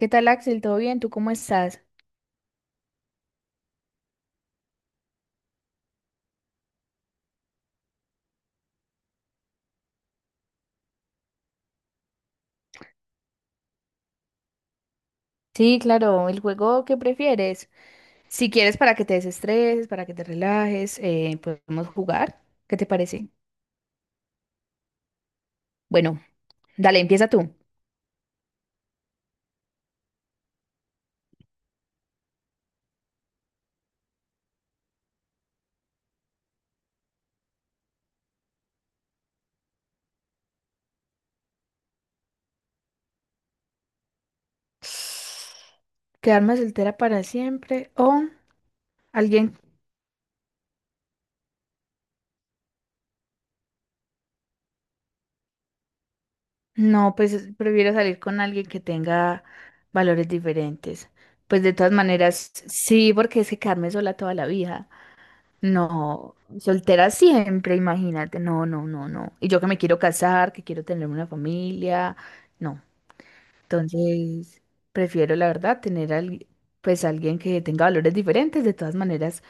¿Qué tal, Axel? ¿Todo bien? ¿Tú cómo estás? Sí, claro, el juego que prefieres. Si quieres para que te desestreses, para que te relajes, podemos jugar. ¿Qué te parece? Bueno, dale, empieza tú. ¿Quedarme soltera para siempre o alguien? No, pues prefiero salir con alguien que tenga valores diferentes. Pues de todas maneras, sí, porque es que quedarme sola toda la vida. No, soltera siempre, imagínate. No, no, no, no. Y yo que me quiero casar, que quiero tener una familia. No. Entonces, prefiero, la verdad, pues alguien que tenga valores diferentes. De todas maneras,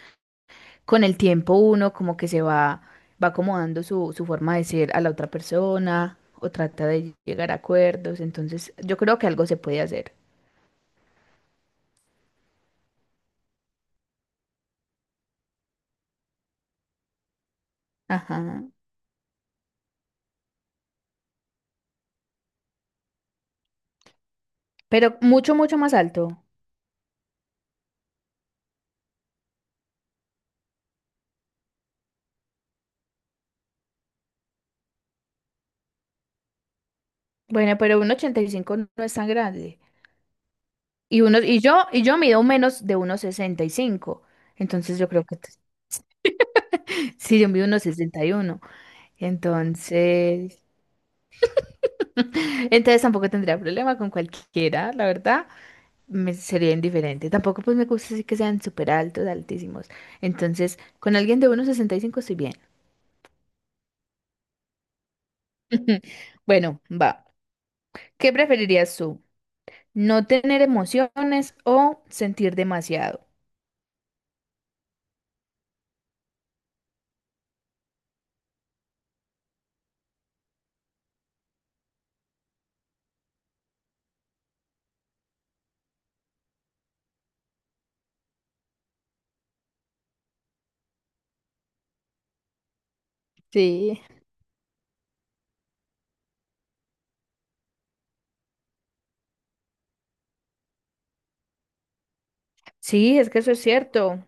con el tiempo uno como que va acomodando su forma de ser a la otra persona o trata de llegar a acuerdos. Entonces, yo creo que algo se puede hacer. Ajá. Pero mucho, mucho más alto. Bueno, pero un 85 no es tan grande. Y yo mido menos de uno sesenta y cinco. Entonces yo creo que sí, yo mido uno sesenta y uno. Entonces, entonces tampoco tendría problema con cualquiera, la verdad. Me sería indiferente. Tampoco pues me gusta así que sean súper altos, altísimos. Entonces, con alguien de uno sesenta y cinco estoy bien. Bueno, va. ¿Qué preferirías tú? ¿No tener emociones o sentir demasiado? Sí. Sí, es que eso es cierto.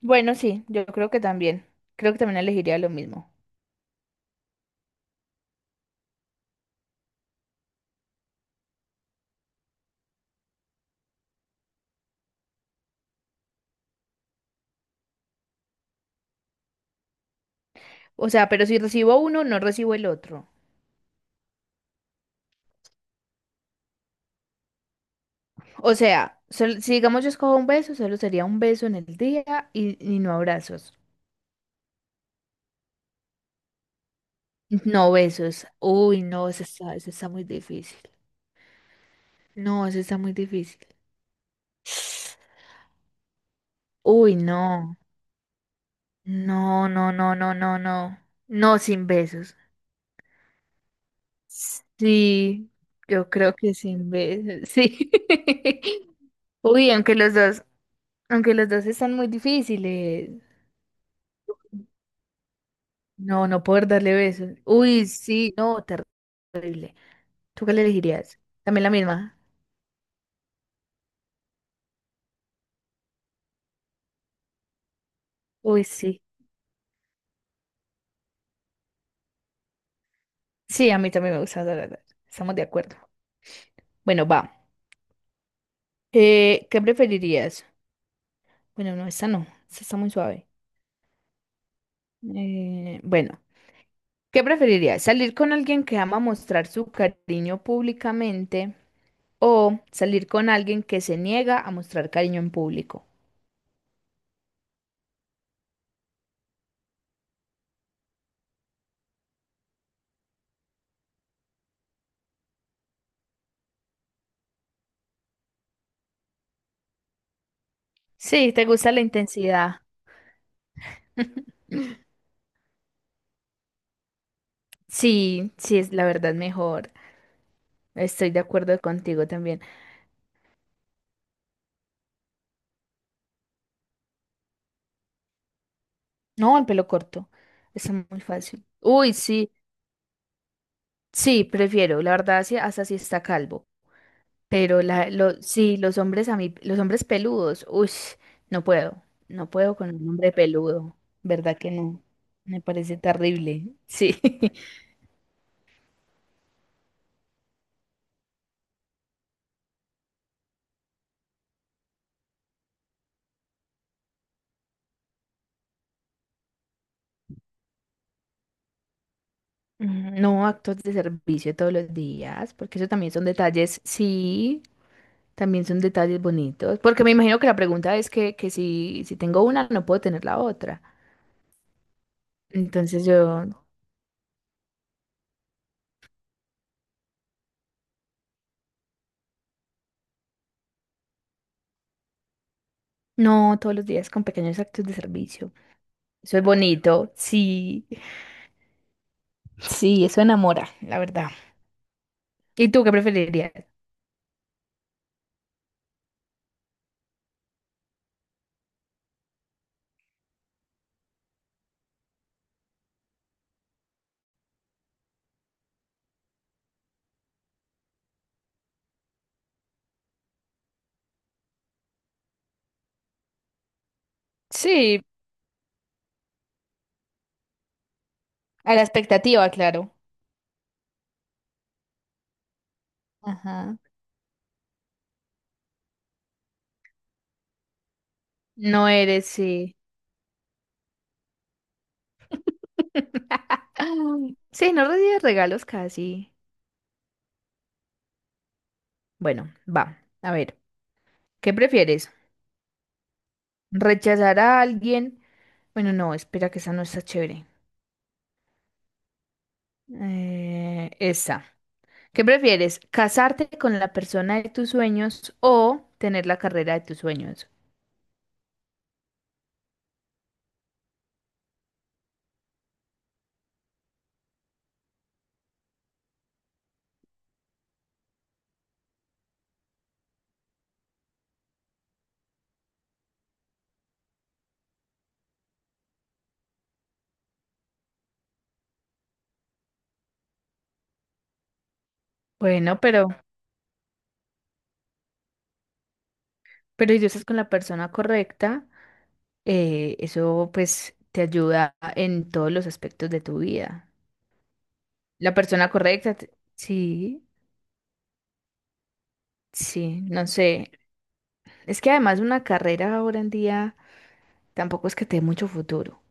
Bueno, sí, yo creo que también. Creo que también elegiría lo mismo. O sea, pero si recibo uno, no recibo el otro. O sea, si digamos yo escojo un beso, solo sería un beso en el día y no abrazos. No besos. Uy, no, eso está muy difícil. No, eso está muy difícil. Uy, no. No, no, no, no, no, no. No sin besos. Sí, yo creo que sin besos. Sí. Uy, aunque los dos. Aunque los dos están muy difíciles. No, no poder darle besos. Uy, sí, no, terrible. ¿Tú qué le elegirías? También la misma. Uy, sí. Sí, a mí también me gusta dar besos. Estamos de acuerdo. Bueno, va. ¿Qué preferirías? Bueno, no, esta no. Esta está muy suave. Bueno, ¿qué preferirías? ¿Salir con alguien que ama mostrar su cariño públicamente o salir con alguien que se niega a mostrar cariño en público? Sí, ¿te gusta la intensidad? Sí, sí, es la verdad mejor. Estoy de acuerdo contigo también. No, el pelo corto. Está muy fácil. Uy, sí, sí, prefiero. La verdad, sí, hasta si está calvo. Pero sí, los hombres a mí, los hombres peludos, uy, no puedo. No puedo con un hombre peludo. ¿Verdad que no? Me parece terrible. Sí. Mm, no actos de servicio todos los días, porque eso también son detalles, sí, también son detalles bonitos, porque me imagino que la pregunta es que si, si tengo una, no puedo tener la otra. Entonces no, todos los días con pequeños actos de servicio. Eso es bonito, sí, sí, eso enamora, la verdad. ¿Y tú qué preferirías? Sí, a la expectativa, claro. Ajá. No eres, sí. Ay, sí, no recibes regalos casi. Bueno, va, a ver, ¿qué prefieres? ¿Rechazar a alguien? Bueno, no, espera que esa no está chévere. Esa. ¿Qué prefieres? ¿Casarte con la persona de tus sueños o tener la carrera de tus sueños? Bueno, pero si tú estás con la persona correcta, eso pues te ayuda en todos los aspectos de tu vida. La persona correcta, sí, sí, no sé. Es que además una carrera ahora en día tampoco es que te dé mucho futuro.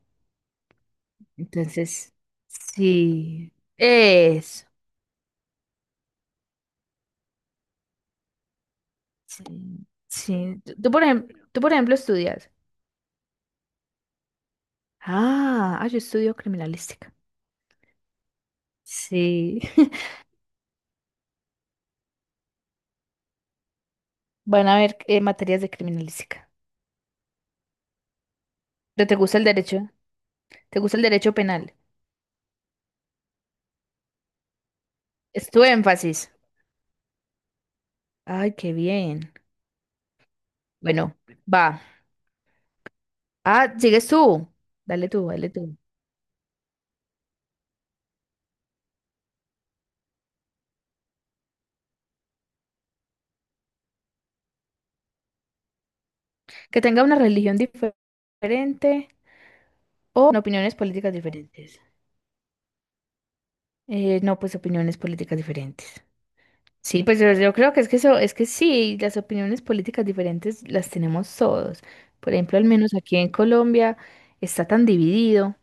Entonces, sí, es. Sí, sí. Por ejemplo, por ejemplo, estudias. Yo estudio criminalística. Sí. Van a ver materias de criminalística. ¿Pero te gusta el derecho? ¿Te gusta el derecho penal? Es tu énfasis. Ay, qué bien. Bueno, va. Ah, sigues tú. Dale tú. Que tenga una religión diferente o opiniones políticas diferentes. No, pues opiniones políticas diferentes. Sí, pues yo creo que es que eso, es que sí, las opiniones políticas diferentes las tenemos todos. Por ejemplo, al menos aquí en Colombia está tan dividido,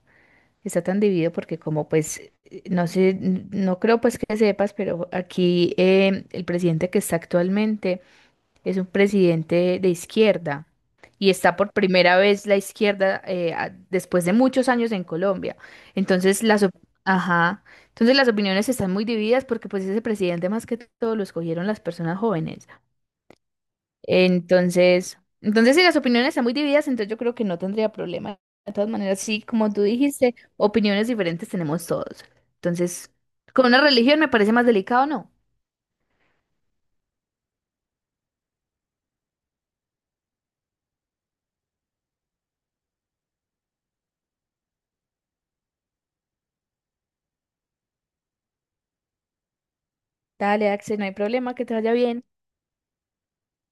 está tan dividido porque como pues, no sé, no creo pues que sepas, pero aquí el presidente que está actualmente es un presidente de izquierda y está por primera vez la izquierda después de muchos años en Colombia. Entonces las, op- ajá, entonces las opiniones están muy divididas porque pues ese presidente más que todo lo escogieron las personas jóvenes. Entonces si las opiniones están muy divididas, entonces yo creo que no tendría problema. De todas maneras, sí, como tú dijiste, opiniones diferentes tenemos todos. Entonces, con una religión me parece más delicado, ¿no? Dale, Axel, no hay problema, que te vaya bien.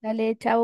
Dale, chao.